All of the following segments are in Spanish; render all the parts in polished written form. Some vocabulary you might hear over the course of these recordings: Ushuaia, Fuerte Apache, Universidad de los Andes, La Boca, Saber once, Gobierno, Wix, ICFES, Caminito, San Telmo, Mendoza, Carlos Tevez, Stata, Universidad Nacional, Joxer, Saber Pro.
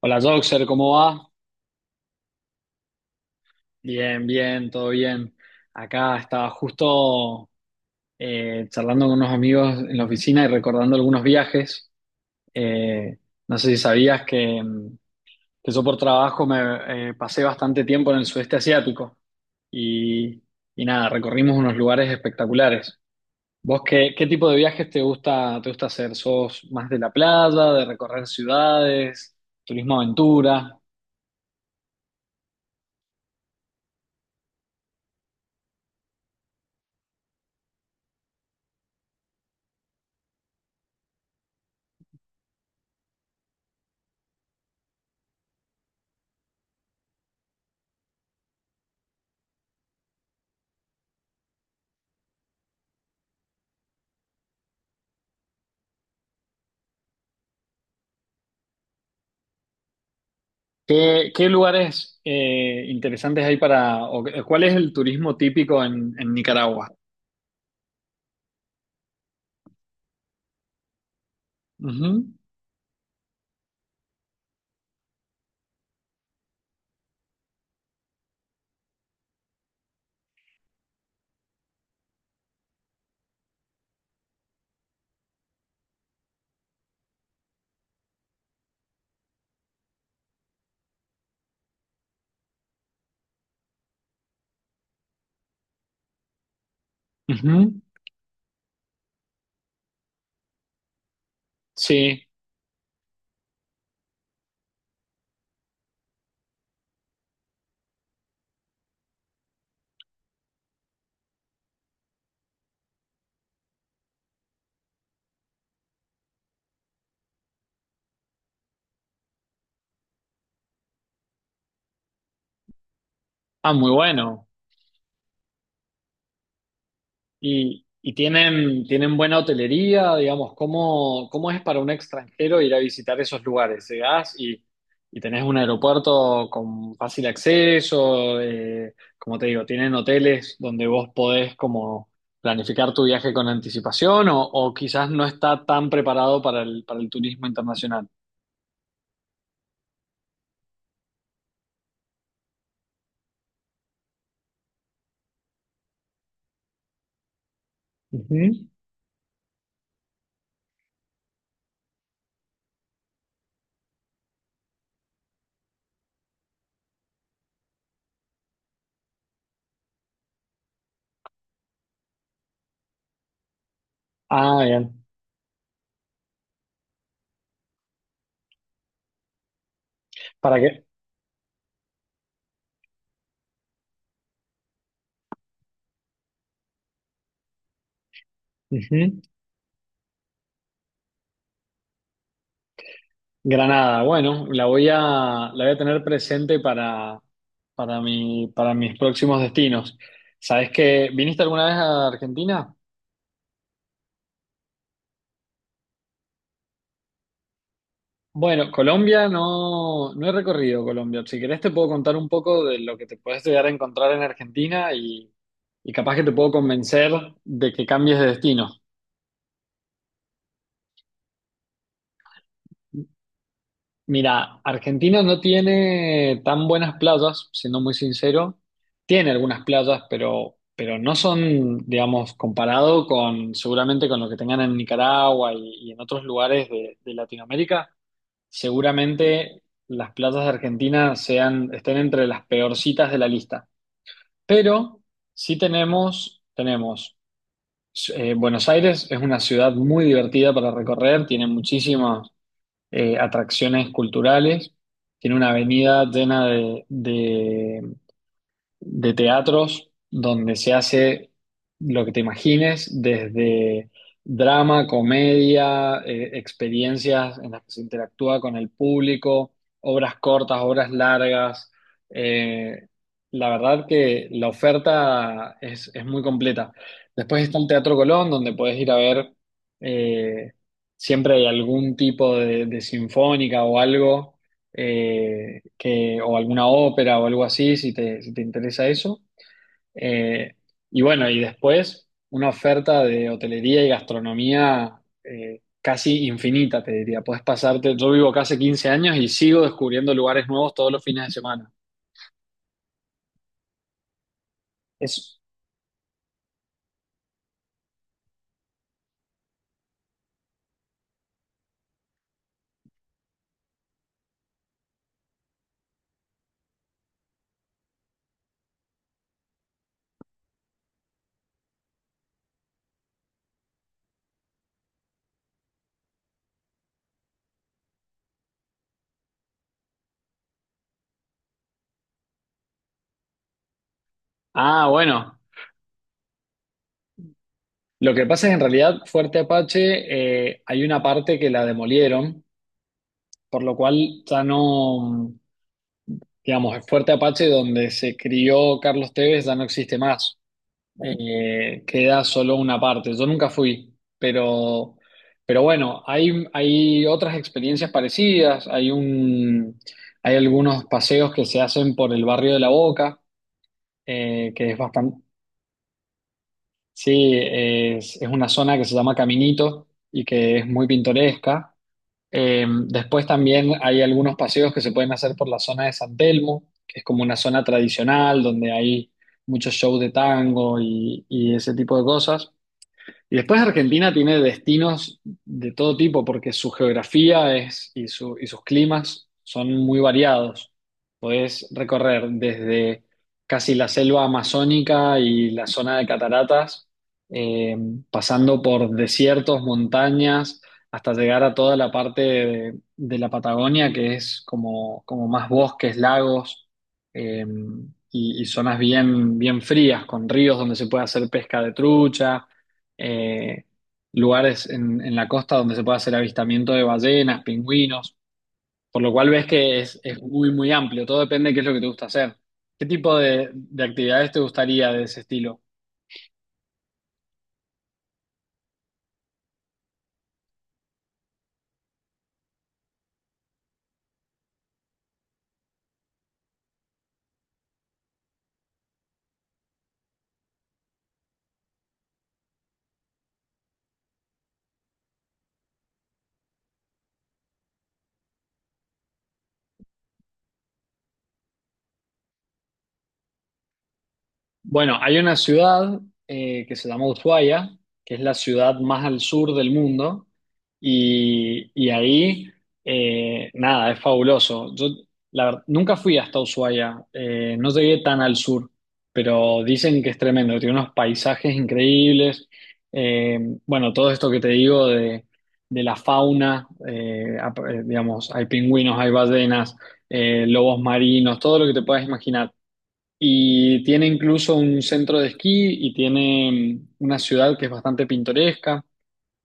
Hola Joxer, ¿cómo va? Bien, bien, todo bien. Acá estaba justo charlando con unos amigos en la oficina y recordando algunos viajes. Eh, no sé si sabías que, que yo por trabajo me pasé bastante tiempo en el sudeste asiático y, y nada, recorrimos unos lugares espectaculares. ¿Vos qué tipo de viajes te gusta hacer? ¿Sos más de la playa, de recorrer ciudades, turismo aventura? Qué lugares interesantes hay cuál es el turismo típico en Nicaragua? Ujú, ujú, sí, ah, muy bueno. Y tienen buena hotelería, digamos, cómo es para un extranjero ir a visitar esos lugares? Llegás y tenés un aeropuerto con fácil acceso, como te digo, tienen hoteles donde vos podés como planificar tu viaje con anticipación o quizás no está tan preparado para para el turismo internacional. Ujú. Ah, bien. ¿Para qué? Ujú. Granada, bueno, la voy a tener presente para para mis próximos destinos. ¿Sabes que viniste alguna vez a Argentina? Bueno, Colombia no, no he recorrido Colombia. Si querés te puedo contar un poco de lo que te puedes llegar a encontrar en Argentina y capaz que te puedo convencer de que cambies de destino. Mira, Argentina no tiene tan buenas playas, siendo muy sincero. Tiene algunas playas, pero no son, digamos, comparado con seguramente con lo que tengan en Nicaragua y en otros lugares de Latinoamérica. Seguramente las playas de Argentina sean, estén entre las peorcitas de la lista. Pero sí tenemos, Buenos Aires es una ciudad muy divertida para recorrer, tiene muchísimos atracciones culturales, tiene una avenida llena de teatros donde se hace lo que te imagines, desde drama, comedia, experiencias en las que se interactúa con el público, obras cortas, obras largas. Eh, la verdad que la oferta es muy completa. Después está el Teatro Colón, donde puedes ir a ver, eh, siempre hay algún tipo de sinfónica o algo o alguna ópera o algo así, si te interesa eso. Eh, y bueno, y después una oferta de hotelería y gastronomía casi infinita, te diría. Puedes pasarte, yo vivo acá hace 15 años y sigo descubriendo lugares nuevos todos los fines de semana. Es, ah, bueno, lo que pasa es que en realidad Fuerte Apache hay una parte que la demolieron, por lo cual ya no... Digamos, el Fuerte Apache, donde se crió Carlos Tevez, ya no existe más. Eh, queda solo una parte. Yo nunca fui, pero bueno, hay otras experiencias parecidas. Hay algunos paseos que se hacen por el barrio de La Boca, que es bastante, sí, es una zona que se llama Caminito y que es muy pintoresca. Después también hay algunos paseos que se pueden hacer por la zona de San Telmo, que es como una zona tradicional donde hay muchos shows de tango y ese tipo de cosas. Y después Argentina tiene destinos de todo tipo porque su geografía y sus climas son muy variados. Podés recorrer desde casi la selva amazónica y la zona de cataratas, eh, pasando por desiertos, montañas, hasta llegar a toda la parte de la Patagonia, que es como, como más bosques, lagos, eh, y zonas bien, bien frías, con ríos donde se puede hacer pesca de trucha eh, lugares en la costa donde se puede hacer avistamiento de ballenas, pingüinos, por lo cual ves que es muy, muy amplio. Todo depende de qué es lo que te gusta hacer. ¿Qué tipo de actividades te gustaría de ese estilo? Bueno, hay una ciudad que se llama Ushuaia, que es la ciudad más al sur del mundo, y ahí, nada, es fabuloso. Yo, la verdad, nunca fui hasta Ushuaia, no llegué tan al sur, pero dicen que es tremendo, que tiene unos paisajes increíbles. Eh, bueno, todo esto que te digo de la fauna, digamos, hay pingüinos, hay ballenas, lobos marinos, todo lo que te puedas imaginar. Y tiene incluso un centro de esquí y tiene una ciudad que es bastante pintoresca.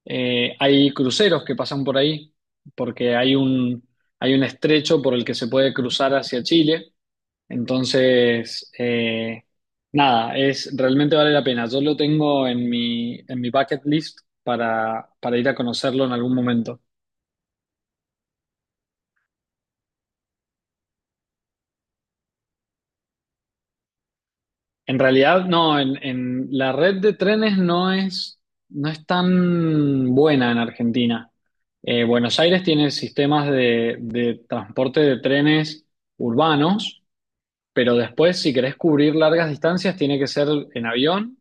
Hay cruceros que pasan por ahí porque hay un estrecho por el que se puede cruzar hacia Chile. Entonces, nada, es, realmente vale la pena. Yo lo tengo en en mi bucket list para ir a conocerlo en algún momento. En realidad, no, en la red de trenes no es tan buena en Argentina. Buenos Aires tiene sistemas de transporte de trenes urbanos, pero después, si querés cubrir largas distancias, tiene que ser en avión.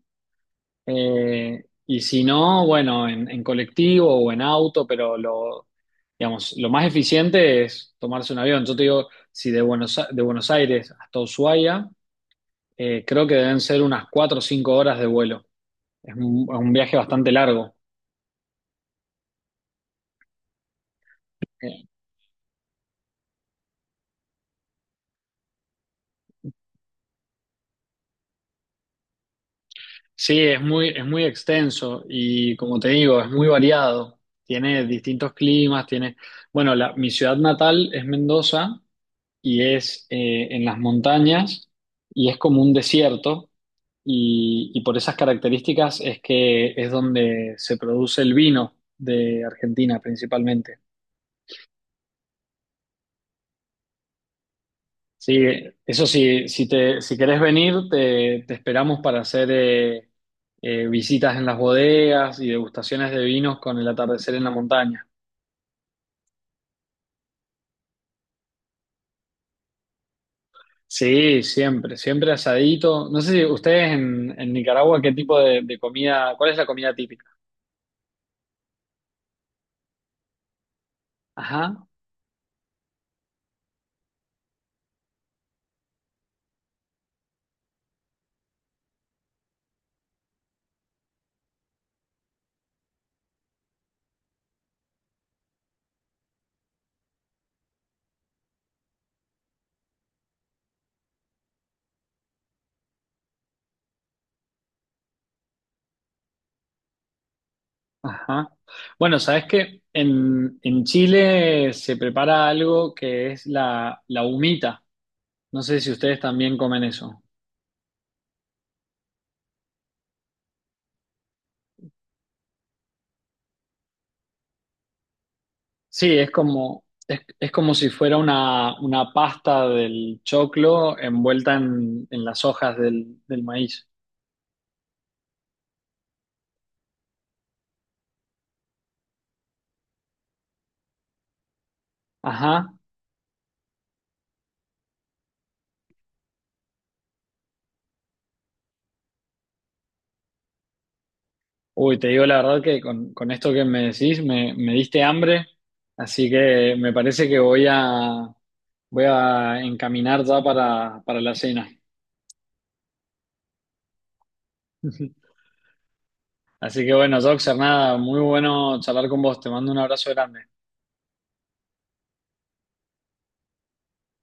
Eh, y si no, bueno, en colectivo o en auto, digamos, lo más eficiente es tomarse un avión. Yo te digo, si de Buenos Aires hasta Ushuaia creo que deben ser unas cuatro o cinco horas de vuelo. Es un viaje bastante largo. Eh, sí, es es muy extenso y como te digo, es muy variado. Tiene distintos climas, tiene... Bueno, mi ciudad natal es Mendoza y es en las montañas y es como un desierto y por esas características es que es donde se produce el vino de Argentina principalmente. Sí, eso sí, si querés venir, te esperamos para hacer visitas en las bodegas y degustaciones de vinos con el atardecer en la montaña. Sí, siempre, siempre asadito. No sé si ustedes en Nicaragua, ¿qué tipo de comida, cuál es la comida típica? Ajá, ajá. Bueno, sabes que en Chile se prepara algo que es la humita. No sé si ustedes también comen eso. Sí, es como si fuera una pasta del choclo envuelta en las hojas del maíz. Ajá. Uy, te digo la verdad que con esto que me decís me diste hambre, así que me parece que voy a encaminar ya para la cena. Así que bueno, Joxer, nada, muy bueno charlar con vos, te mando un abrazo grande.